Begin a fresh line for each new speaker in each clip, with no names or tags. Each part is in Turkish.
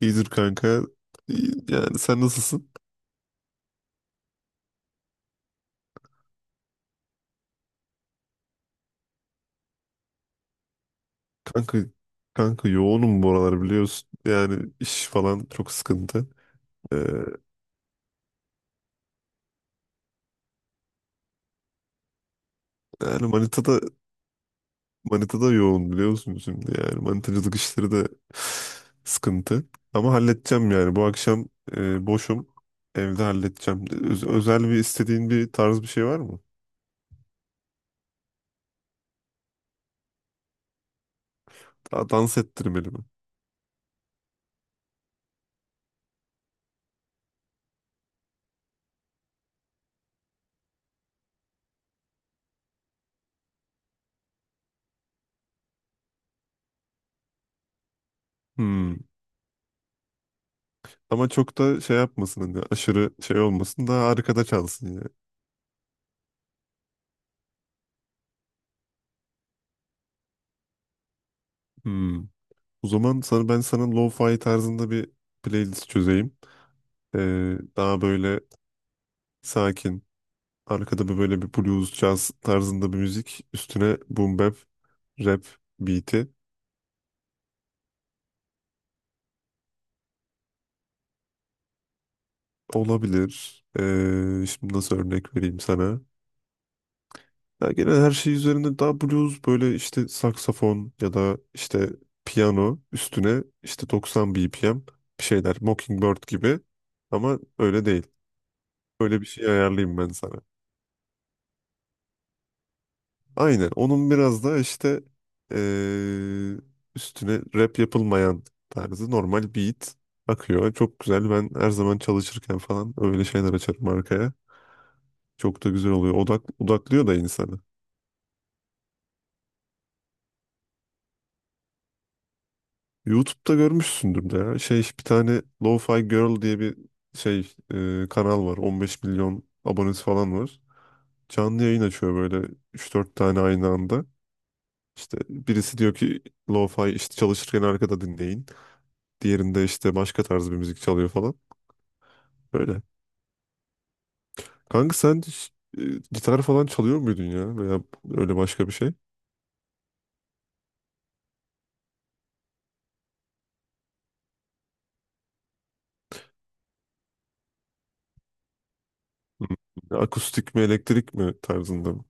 İyidir kanka. Yani sen nasılsın? Kanka kanka, yoğunum bu aralar biliyorsun. Yani iş falan çok sıkıntı. Ee, yani Manita'da yoğun biliyorsun şimdi yani manitacılık işleri de sıkıntı. Ama halledeceğim yani bu akşam boşum. Evde halledeceğim. Özel bir istediğin bir tarz bir şey var mı? Daha dans ettirmeli mi? Hmm. Ama çok da şey yapmasın hani aşırı şey olmasın daha arkada çalsın yani. O zaman sana, ben sana lo-fi tarzında bir playlist çözeyim. Daha böyle sakin, arkada bir böyle bir blues, jazz tarzında bir müzik. Üstüne boom bap, rap beat'i olabilir. Şimdi nasıl örnek vereyim sana? Ya genel her şey üzerinde daha blues böyle işte saksafon ya da işte piyano üstüne işte 90 BPM bir şeyler Mockingbird gibi ama öyle değil. Öyle bir şey ayarlayayım ben sana. Aynen onun biraz da işte eee, üstüne rap yapılmayan tarzı normal beat akıyor. Çok güzel ben her zaman çalışırken falan öyle şeyler açarım arkaya. Çok da güzel oluyor. Odaklıyor da insanı. YouTube'da görmüşsündür de ya. Şey bir tane Lo-Fi Girl diye bir şey kanal var. 15 milyon abonesi falan var. Canlı yayın açıyor böyle üç dört tane aynı anda. İşte birisi diyor ki Lo-Fi işte çalışırken arkada dinleyin. Diğerinde işte başka tarz bir müzik çalıyor falan. Böyle. Kanka sen hiç, gitar falan çalıyor muydun ya? Veya öyle başka bir şey? Hı. Akustik mi elektrik mi tarzında mı?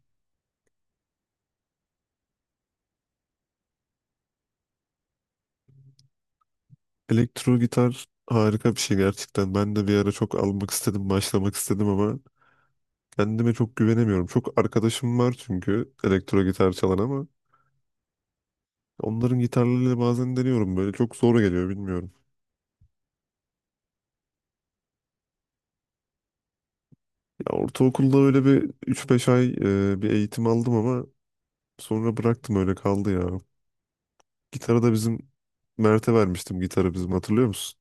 Elektro gitar harika bir şey gerçekten. Ben de bir ara çok almak istedim, başlamak istedim ama kendime çok güvenemiyorum. Çok arkadaşım var çünkü elektro gitar çalan ama onların gitarlarıyla bazen deniyorum böyle çok zor geliyor bilmiyorum. Ya ortaokulda öyle bir üç beş ay bir eğitim aldım ama sonra bıraktım öyle kaldı ya. Gitarı da bizim Mert'e vermiştim gitarı bizim hatırlıyor musun?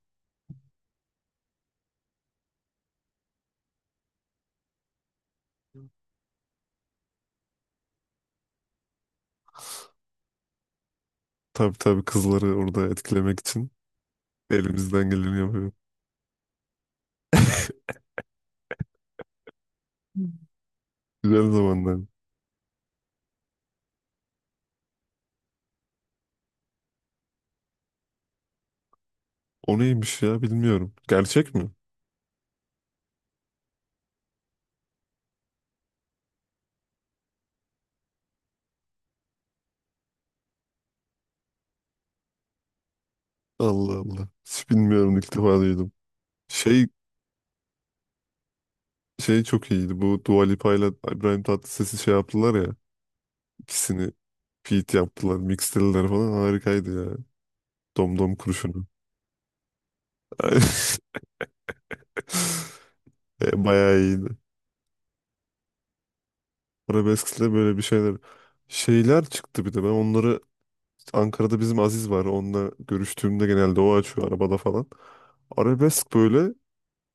Tabii tabii kızları orada etkilemek için elimizden geleni yapıyor. Güzel zamanlar. O neymiş ya bilmiyorum. Gerçek mi? Allah Allah. Hiç bilmiyorum ilk defa duydum. Şey şey, çok iyiydi. Bu Dua Lipa ile İbrahim Tatlıses'i şey yaptılar ya. İkisini feat yaptılar. Mixlediler falan. Harikaydı ya. Domdom kurşunu. E, bayağı iyiydi. Arabesk'le böyle bir şeyler. Şeyler çıktı bir de. Ben onları Ankara'da bizim Aziz var. Onunla görüştüğümde genelde o açıyor arabada falan. Arabesk böyle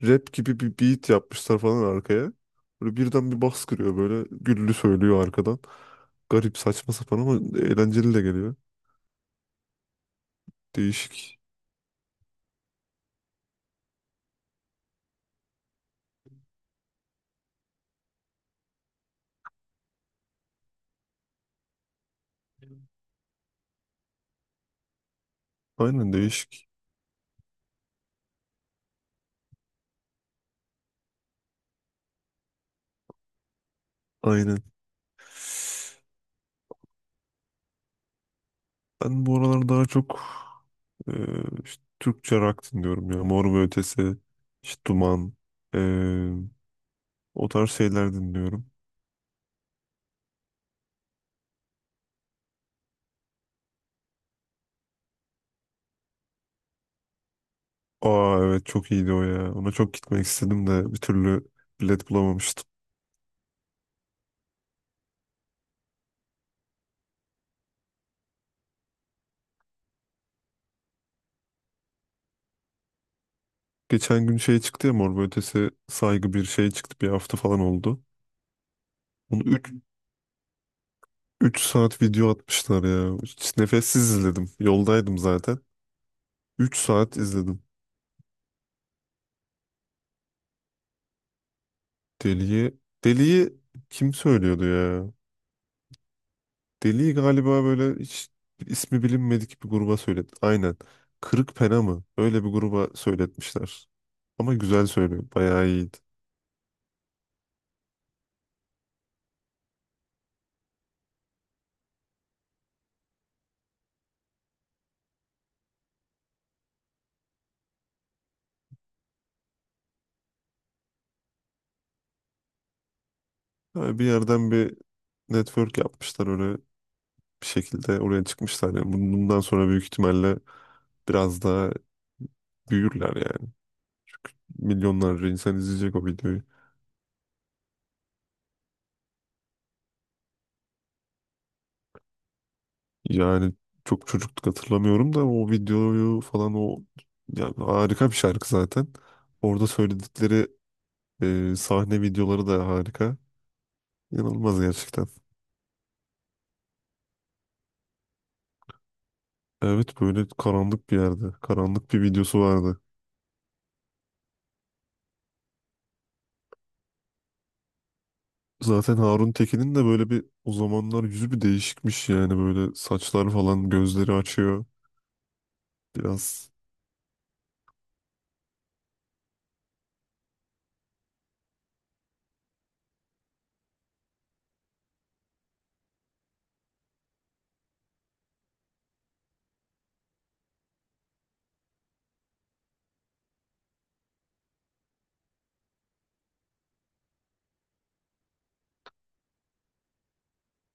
rap gibi bir beat yapmışlar falan arkaya. Böyle birden bir bas kırıyor böyle güllü söylüyor arkadan. Garip saçma sapan ama eğlenceli de geliyor. Değişik. Aynen değişik. Aynen. Ben bu aralar daha çok e, işte Türkçe rock dinliyorum ya. Mor ve Ötesi, işte Duman, e, o tarz şeyler dinliyorum. Aa evet çok iyiydi o ya. Ona çok gitmek istedim de bir türlü bilet bulamamıştım. Geçen gün şey çıktı ya Mor ve Ötesi saygı bir şey çıktı. Bir hafta falan oldu. Onu üç saat video atmışlar ya. Hiç nefessiz izledim. Yoldaydım zaten. Üç saat izledim. Deli'yi Deli'yi kim söylüyordu ya? Deli'yi galiba böyle hiç ismi bilinmedik bir gruba söyletti. Aynen. Kırık Pena mı? Öyle bir gruba söyletmişler. Ama güzel söylüyor. Bayağı iyi. Ha, bir yerden bir network yapmışlar öyle bir şekilde oraya çıkmışlar. Yani bundan sonra büyük ihtimalle biraz daha büyürler yani. Milyonlarca insan izleyecek o videoyu. Yani çok çocukluk hatırlamıyorum da o videoyu falan o yani harika bir şarkı zaten. Orada söyledikleri sahne videoları da harika. İnanılmaz gerçekten. Evet böyle karanlık bir yerde. Karanlık bir videosu vardı. Zaten Harun Tekin'in de böyle bir o zamanlar yüzü bir değişikmiş yani böyle saçlar falan gözleri açıyor. Biraz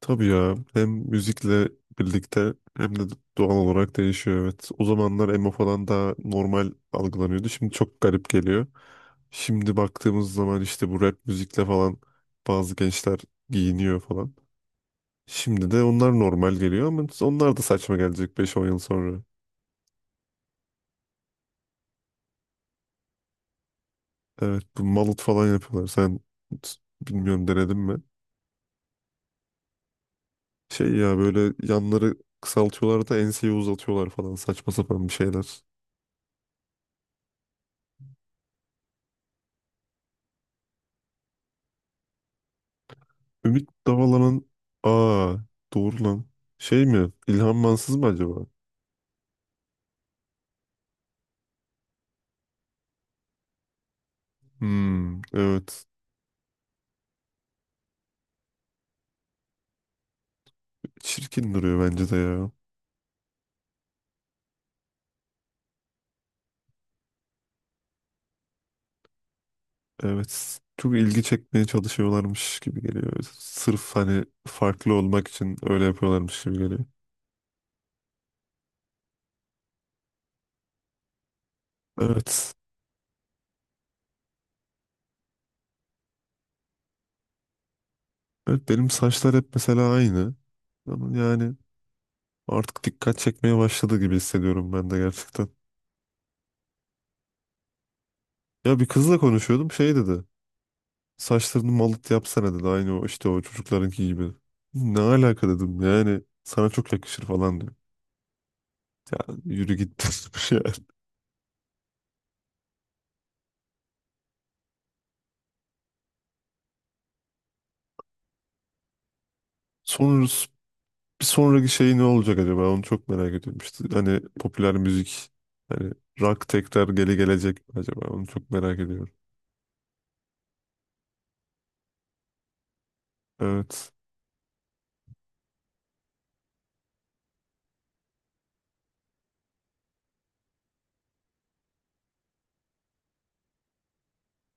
tabii ya hem müzikle birlikte hem de doğal olarak değişiyor evet. O zamanlar emo falan daha normal algılanıyordu. Şimdi çok garip geliyor. Şimdi baktığımız zaman işte bu rap müzikle falan bazı gençler giyiniyor falan. Şimdi de onlar normal geliyor ama onlar da saçma gelecek beş 10 yıl sonra. Evet bu malut falan yapıyorlar. Sen bilmiyorum denedin mi? Şey ya böyle yanları kısaltıyorlar da enseyi uzatıyorlar falan saçma sapan bir şeyler. Ümit Davala'nın aa doğru lan. Şey mi? İlhan Mansız mı acaba? Hmm, evet. Çirkin duruyor bence de ya. Evet. Çok ilgi çekmeye çalışıyorlarmış gibi geliyor. Sırf hani farklı olmak için öyle yapıyorlarmış gibi geliyor. Evet. Evet benim saçlar hep mesela aynı. Ama yani artık dikkat çekmeye başladı gibi hissediyorum ben de gerçekten. Ya bir kızla konuşuyordum şey dedi. Saçlarını malıt yapsana dedi. Aynı o işte o çocuklarınki gibi. Ne alaka dedim yani sana çok yakışır falan diyor. Ya yürü git dedim yani. Sonra bir sonraki şey ne olacak acaba onu çok merak ediyorum. İşte hani popüler müzik hani rock tekrar geri gelecek mi acaba onu çok merak ediyorum. Evet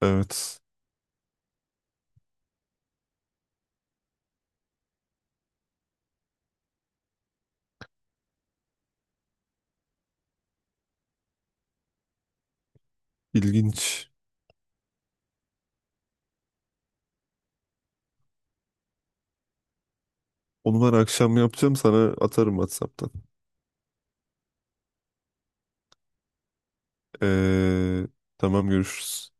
evet, İlginç. Onu ben akşam yapacağım sana atarım WhatsApp'tan. Ee, tamam görüşürüz.